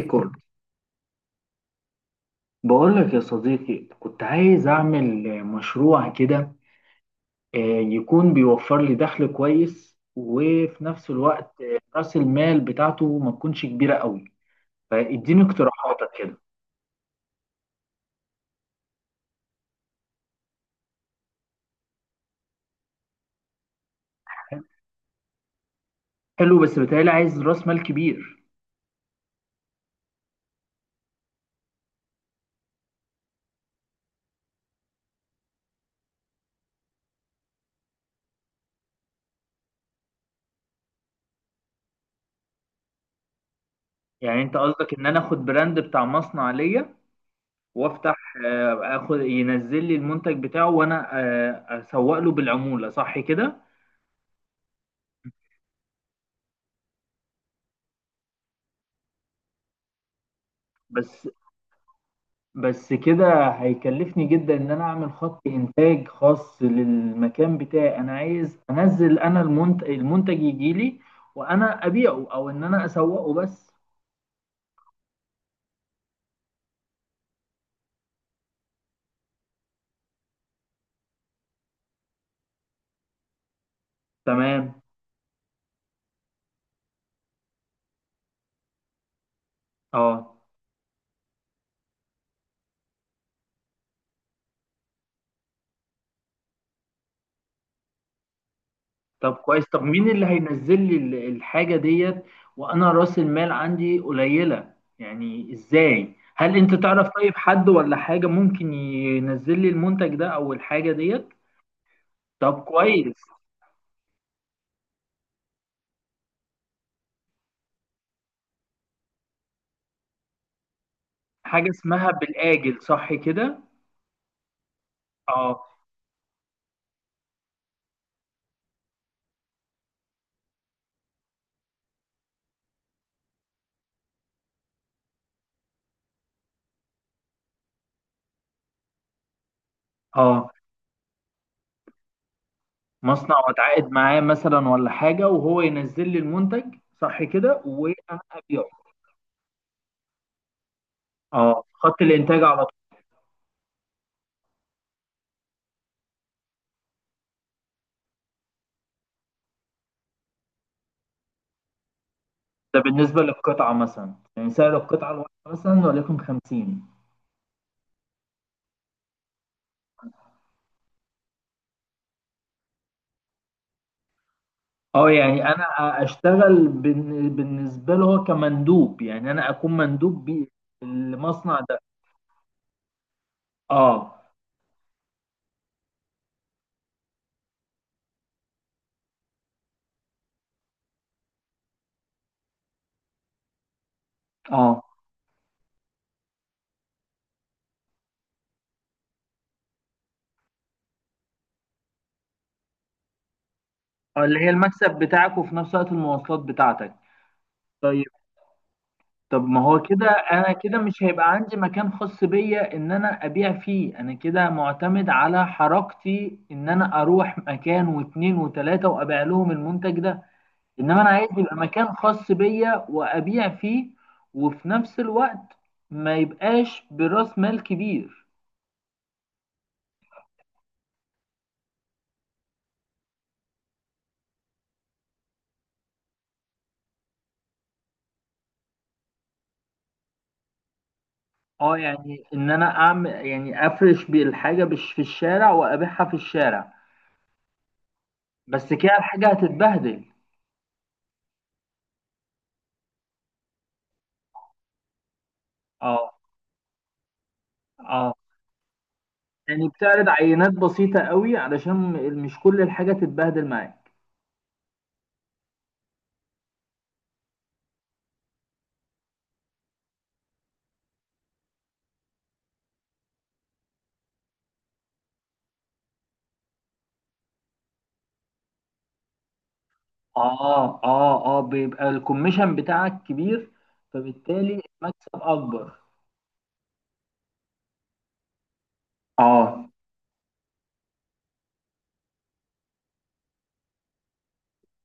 ريكورد. بقول لك يا صديقي، كنت عايز أعمل مشروع كده. يكون بيوفر لي دخل كويس، وفي نفس الوقت رأس المال بتاعته ما تكونش كبيرة قوي. فاديني اقتراحاتك كده. حلو، بس بتهيألي عايز رأس مال كبير. يعني أنت قصدك إن أنا آخد براند بتاع مصنع ليا وأفتح، آخد ينزل لي المنتج بتاعه، وأنا أسوق له بالعمولة، صح كده؟ بس بس كده هيكلفني جدا ان انا اعمل خط انتاج خاص للمكان بتاعي. انا عايز انزل المنتج يجي لي وانا ابيعه، او ان انا اسوقه بس. تمام. اه. طب كويس، طب مين اللي هينزل لي الحاجة ديت وانا راس المال عندي قليلة؟ يعني ازاي؟ هل انت تعرف طيب حد ولا حاجة ممكن ينزل لي المنتج ده او الحاجة ديت؟ طب كويس. حاجة اسمها بالآجل، صح كده؟ اه، اه. مصنع واتعاقد معاه مثلا ولا حاجه وهو ينزل لي المنتج، صح كده وانا ابيعه. اه، خط الانتاج على طول. ده بالنسبه للقطعه مثلا، يعني سعر القطعه الواحده مثلا وليكن 50. اه، يعني انا اشتغل بالنسبه له هو كمندوب، يعني انا اكون مندوب المصنع ده. اه، اه. اللي هي المكسب بتاعك وفي نفس الوقت المواصلات بتاعتك. طيب، طب ما هو كده انا كده مش هيبقى عندي مكان خاص بيا ان انا ابيع فيه. انا كده معتمد على حركتي ان انا اروح مكان واتنين وتلاتة وابيع لهم المنتج ده. انما انا عايز يبقى مكان خاص بيا وابيع فيه، وفي نفس الوقت ما يبقاش براس مال كبير. اه، يعني ان انا اعمل، يعني افرش بالحاجة بش في الشارع وابيعها في الشارع. بس كده الحاجة هتتبهدل. اه، اه، يعني بتعرض عينات بسيطة قوي علشان مش كل الحاجة تتبهدل معاك. اه، اه، اه، بيبقى الكوميشن بتاعك كبير، فبالتالي المكسب اكبر. اه،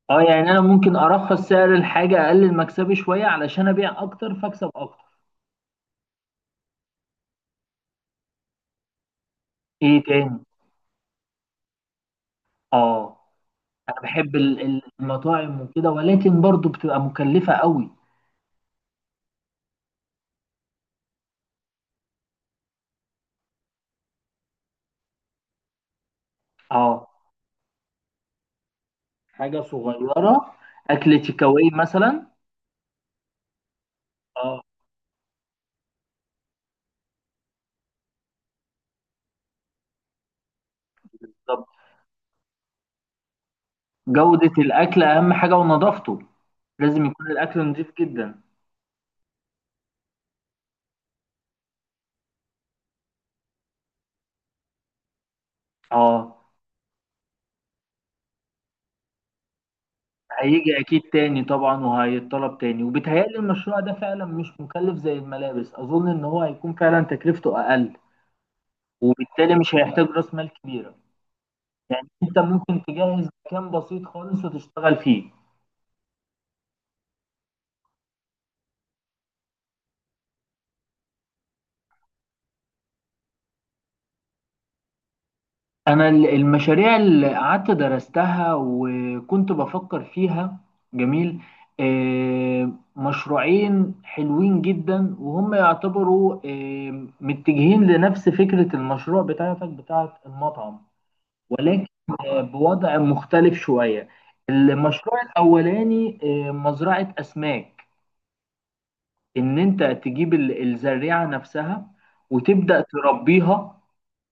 اه، يعني انا ممكن ارخص سعر الحاجة، اقلل مكسبي شوية علشان ابيع اكتر فاكسب اكتر. ايه تاني؟ اه، انا بحب المطاعم وكده، ولكن برضو بتبقى مكلفة قوي. اه، حاجة صغيرة، اكل تيكاواي مثلا. اه، بالظبط. جودة الاكل اهم حاجة ونظافته. لازم يكون الأكل نضيف جدا. اه، هيجي أكيد تاني طبعا وهيتطلب تاني. وبيتهيألي المشروع ده فعلا مش مكلف زي الملابس، أظن إن هو هيكون فعلا تكلفته أقل، وبالتالي مش هيحتاج رأس مال كبيرة. أنت ممكن تجهز مكان بسيط خالص وتشتغل فيه. انا المشاريع اللي قعدت درستها وكنت بفكر فيها. جميل. مشروعين حلوين جدا، وهم يعتبروا متجهين لنفس فكرة المشروع بتاعتك بتاعت المطعم، ولكن بوضع مختلف شوية. المشروع الاولاني مزرعة اسماك. ان انت تجيب الزريعة نفسها وتبدأ تربيها.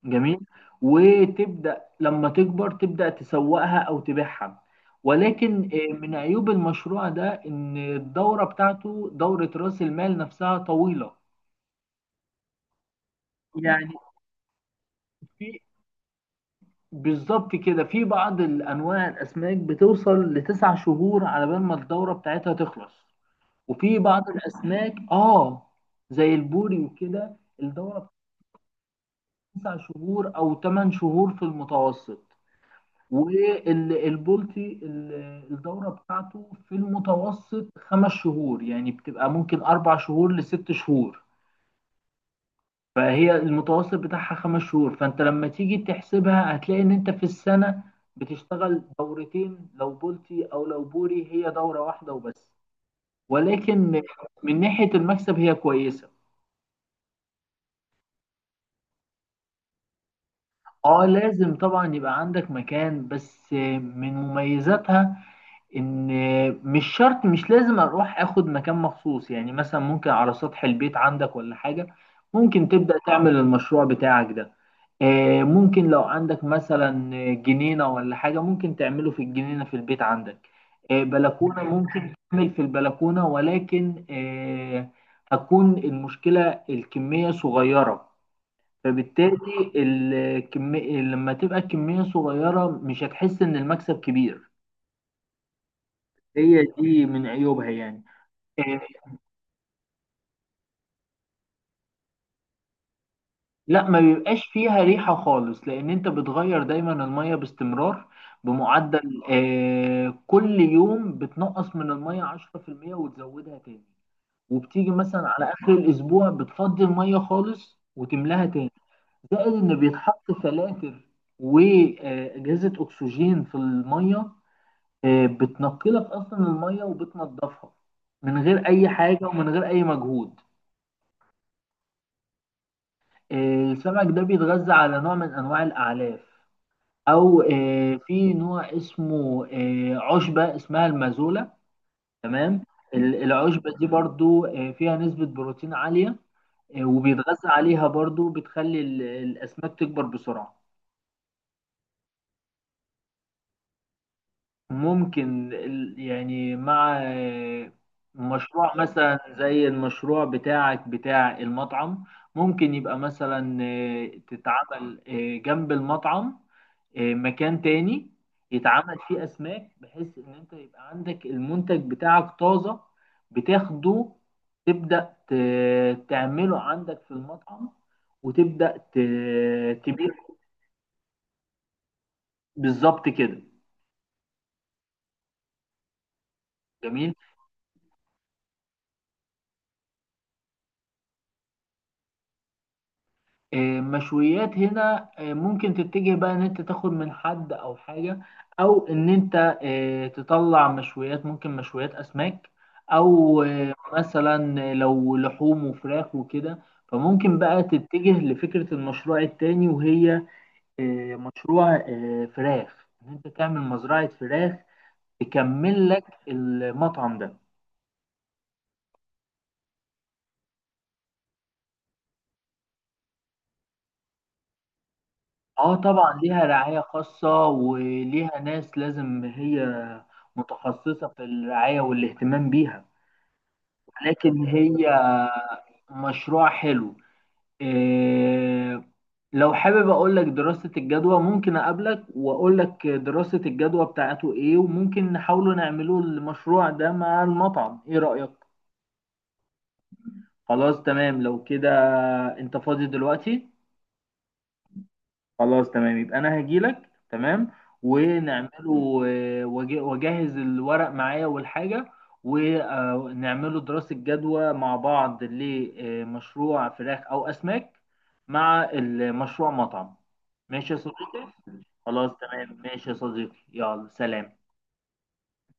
جميل. وتبدأ لما تكبر تبدأ تسوقها أو تبيعها، ولكن من عيوب المشروع ده إن الدورة بتاعته، دورة رأس المال نفسها، طويلة. يعني في، بالظبط كده، في بعض الأنواع الأسماك بتوصل لتسع شهور على بال ما الدورة بتاعتها تخلص، وفي بعض الأسماك آه زي البوري وكده الدورة بتاعتها تسع شهور أو ثمان شهور في المتوسط. والبولتي الدورة بتاعته في المتوسط خمس شهور، يعني بتبقى ممكن أربع شهور لست شهور، فهي المتوسط بتاعها خمس شهور. فأنت لما تيجي تحسبها هتلاقي إن أنت في السنة بتشتغل دورتين لو بولتي، أو لو بوري هي دورة واحدة وبس. ولكن من ناحية المكسب هي كويسة. اه، لازم طبعا يبقى عندك مكان، بس من مميزاتها ان مش شرط، مش لازم اروح اخد مكان مخصوص. يعني مثلا ممكن على سطح البيت عندك ولا حاجة ممكن تبدأ تعمل المشروع بتاعك ده. ممكن لو عندك مثلا جنينة ولا حاجة ممكن تعمله في الجنينة في البيت عندك. بلكونة، ممكن تعمل في البلكونة. ولكن هتكون المشكلة الكمية صغيرة، فبالتالي الكمية لما تبقى الكمية صغيرة مش هتحس إن المكسب كبير. هي دي من عيوبها يعني. إيه، لا، ما بيبقاش فيها ريحة خالص، لأن أنت بتغير دايما المية باستمرار. بمعدل آه كل يوم بتنقص من المية 10% وتزودها تاني. وبتيجي مثلا على آخر الأسبوع بتفضي المية خالص وتملاها تاني. زائد إن بيتحط فلاتر وأجهزة أكسجين في المية. آه بتنقلك أصلا المية وبتنضفها من غير أي حاجة ومن غير أي مجهود. السمك ده بيتغذى على نوع من أنواع الأعلاف، أو في نوع اسمه عشبة اسمها المازولا. تمام. العشبة دي برضو فيها نسبة بروتين عالية. وبيتغذى عليها برضو، بتخلي الأسماك تكبر بسرعة. ممكن يعني مع مشروع مثلا زي المشروع بتاعك بتاع المطعم، ممكن يبقى مثلا تتعمل جنب المطعم مكان تاني يتعمل فيه أسماك، بحيث إن أنت يبقى عندك المنتج بتاعك طازة، بتاخده تبدأ تعمله عندك في المطعم، وتبدأ تبيعه. بالظبط كده. جميل. مشويات هنا ممكن تتجه بقى ان انت تاخد من حد او حاجة، او ان انت تطلع مشويات، ممكن مشويات اسماك، او مثلا لو لحوم وفراخ وكده. فممكن بقى تتجه لفكرة المشروع التاني وهي مشروع فراخ. ان انت تعمل مزرعة فراخ تكمل لك المطعم ده. اه طبعا، ليها رعاية خاصة وليها ناس لازم هي متخصصة في الرعاية والاهتمام بيها. لكن هي مشروع حلو. إيه، لو حابب اقول لك دراسة الجدوى، ممكن اقابلك واقول لك دراسة الجدوى بتاعته ايه، وممكن نحاولوا نعملوا المشروع ده مع المطعم. ايه رأيك؟ خلاص تمام لو كده. انت فاضي دلوقتي؟ خلاص تمام، يبقى انا هجيلك. تمام. ونعمله واجهز الورق معايا والحاجة، ونعمله دراسة جدوى مع بعض لمشروع فراخ او اسماك مع المشروع مطعم. ماشي يا صديقي. خلاص تمام، ماشي يا صديقي، يلا سلام.